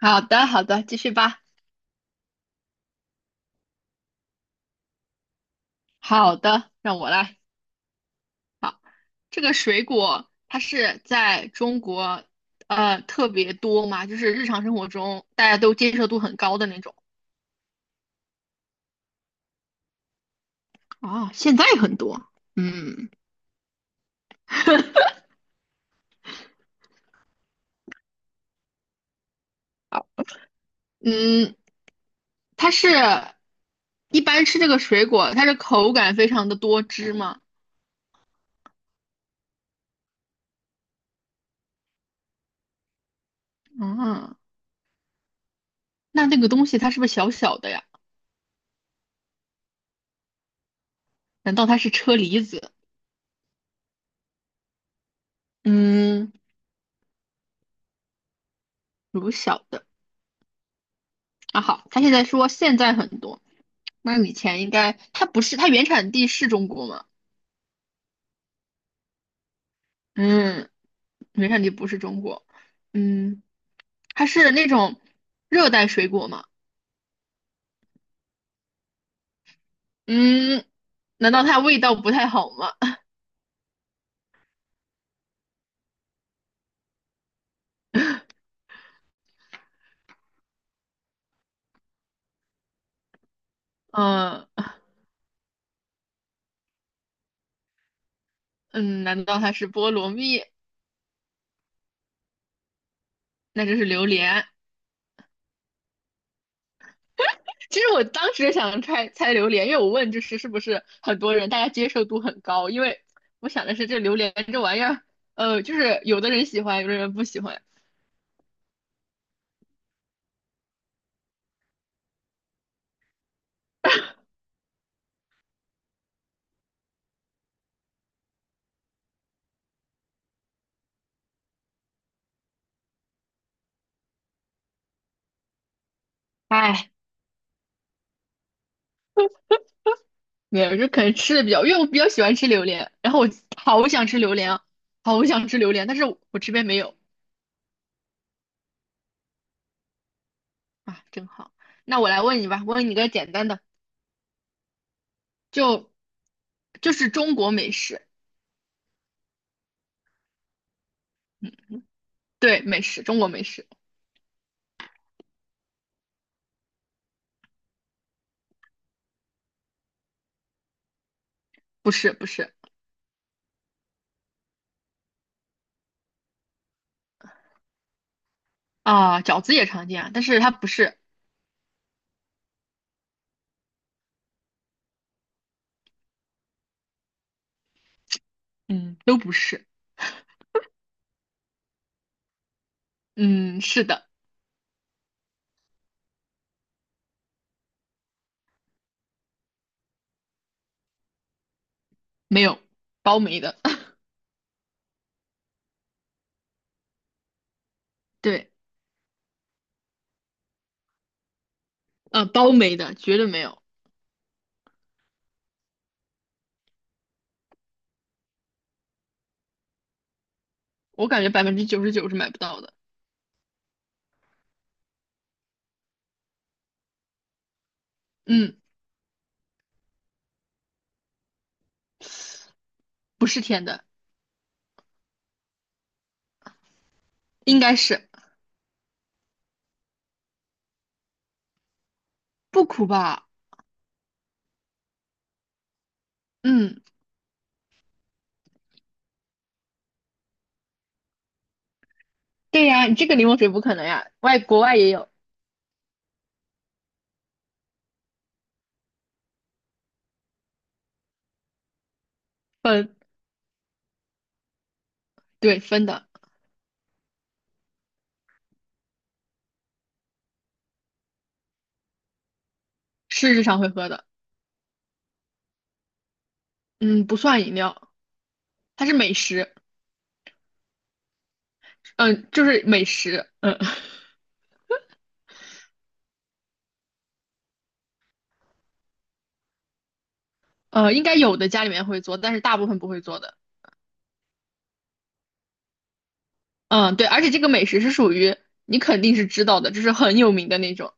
好的，好的，继续吧。好的，让我来。这个水果它是在中国特别多嘛，就是日常生活中大家都接受度很高的那种。啊，现在很多。嗯嗯，它是一般吃这个水果，它是口感非常的多汁嘛。啊，那那个东西它是不是小小的呀？难道它是车厘子？嗯，如小的。啊，好，他现在说现在很多，那以前应该他不是，他原产地是中国吗？嗯，原产地不是中国。嗯，它是那种热带水果吗？嗯，难道它味道不太好吗？嗯嗯，难道它是菠萝蜜？那就是榴莲。其实我当时想猜猜榴莲，因为我问就是是不是很多人大家接受度很高，因为我想的是这榴莲这玩意儿，就是有的人喜欢，有的人不喜欢。哎。没有，就可能吃的比较，因为我比较喜欢吃榴莲，然后我好想吃榴莲啊，好想吃榴莲，但是我这边没有。啊，真好。那我来问你吧，问你个简单的，就就是中国美食。对，美食，中国美食。不是不是。啊，饺子也常见啊，但是它不是。嗯，都不是。嗯，是的。没有，包没的。对，包没的，绝对没有。我感觉99%是买不到的。嗯，不是甜的。应该是不苦吧。嗯。对呀，你这个柠檬水不可能呀，外国外也有分。对，分的。是日常会喝的。嗯，不算饮料。它是美食。嗯，就是美食。嗯，应该有的家里面会做，但是大部分不会做的。嗯，对，而且这个美食是属于你肯定是知道的，就是很有名的那种，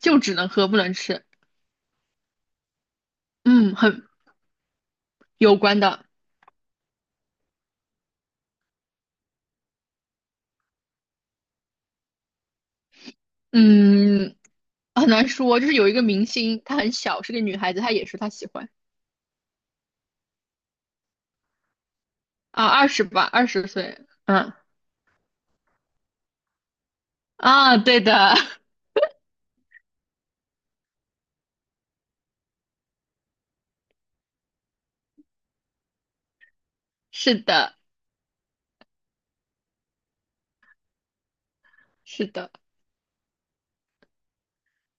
就只能喝不能吃。嗯，很有关的。嗯，很难说，就是有一个明星，她很小，是个女孩子，她也说她喜欢。啊，二十吧，20岁，嗯。啊，对的。是的，是的，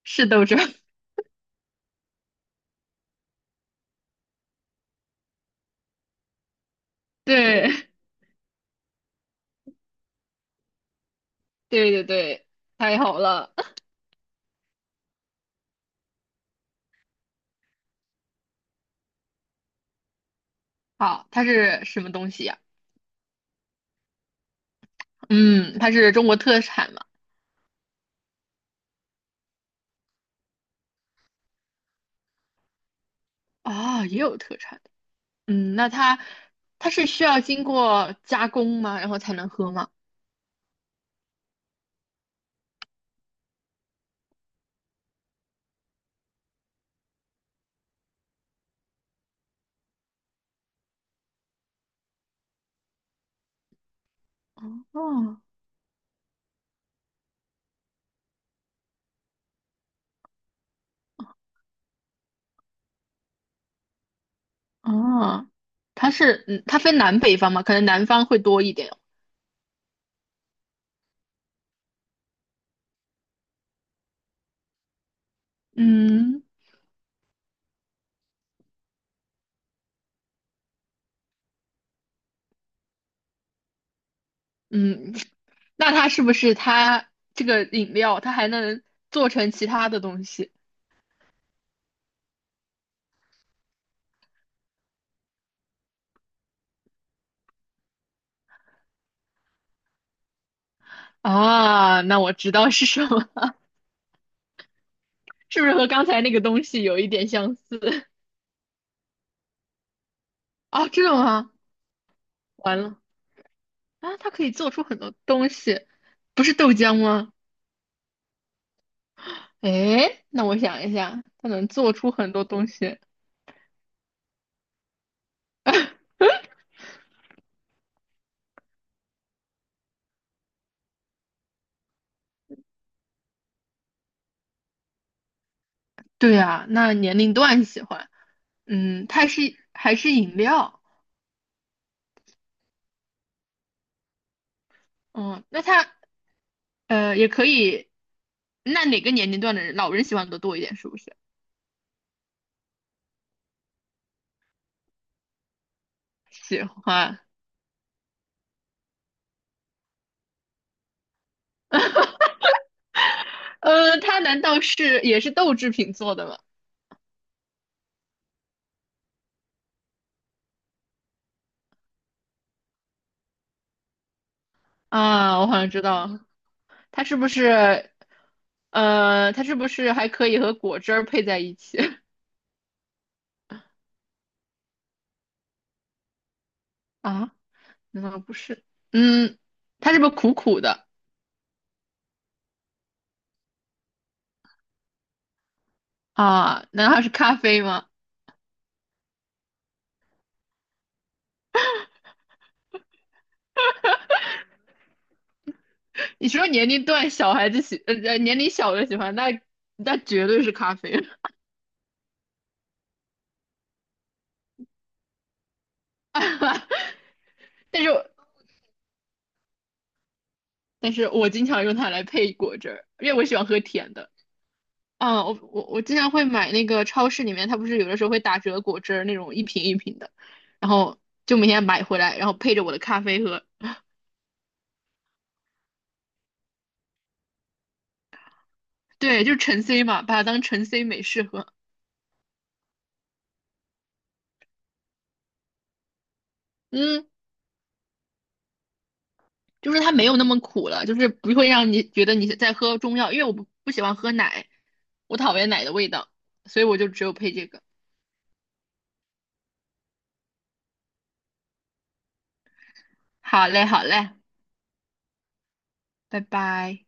是斗争。对，对对对，太好了。好，它是什么东西呀、嗯，它是中国特产嘛？啊，也有特产的。嗯，那它是需要经过加工吗？然后才能喝吗？哦哦，它是嗯，它分南北方嘛？可能南方会多一点。嗯嗯，那它是不是它这个饮料它还能做成其他的东西啊？那我知道是什么。是不是和刚才那个东西有一点相似？啊，这的吗？完了啊，它可以做出很多东西，不是豆浆吗？诶，那我想一下，它能做出很多东西。对呀，那年龄段喜欢。嗯，它是还是饮料？嗯，那它也可以。那哪个年龄段的人，老人喜欢的多一点？是不是？喜欢。它难道是也是豆制品做的吗？啊，我好像知道，它是不是它是不是还可以和果汁儿配在一起 啊？难道不是？嗯，它是不是苦苦的啊？难道是咖啡吗？你说年龄段小孩子年龄小的喜欢，那绝对是咖啡。但是但是我经常用它来配果汁儿，因为我喜欢喝甜的。嗯，我经常会买那个超市里面，它不是有的时候会打折果汁儿那种一瓶一瓶的，然后就每天买回来，然后配着我的咖啡喝。对，就是橙 C 嘛，把它当橙 C 美式喝。嗯，就是它没有那么苦了，就是不会让你觉得你在喝中药，因为我不喜欢喝奶，我讨厌奶的味道，所以我就只有配这个。好嘞，好嘞，拜拜。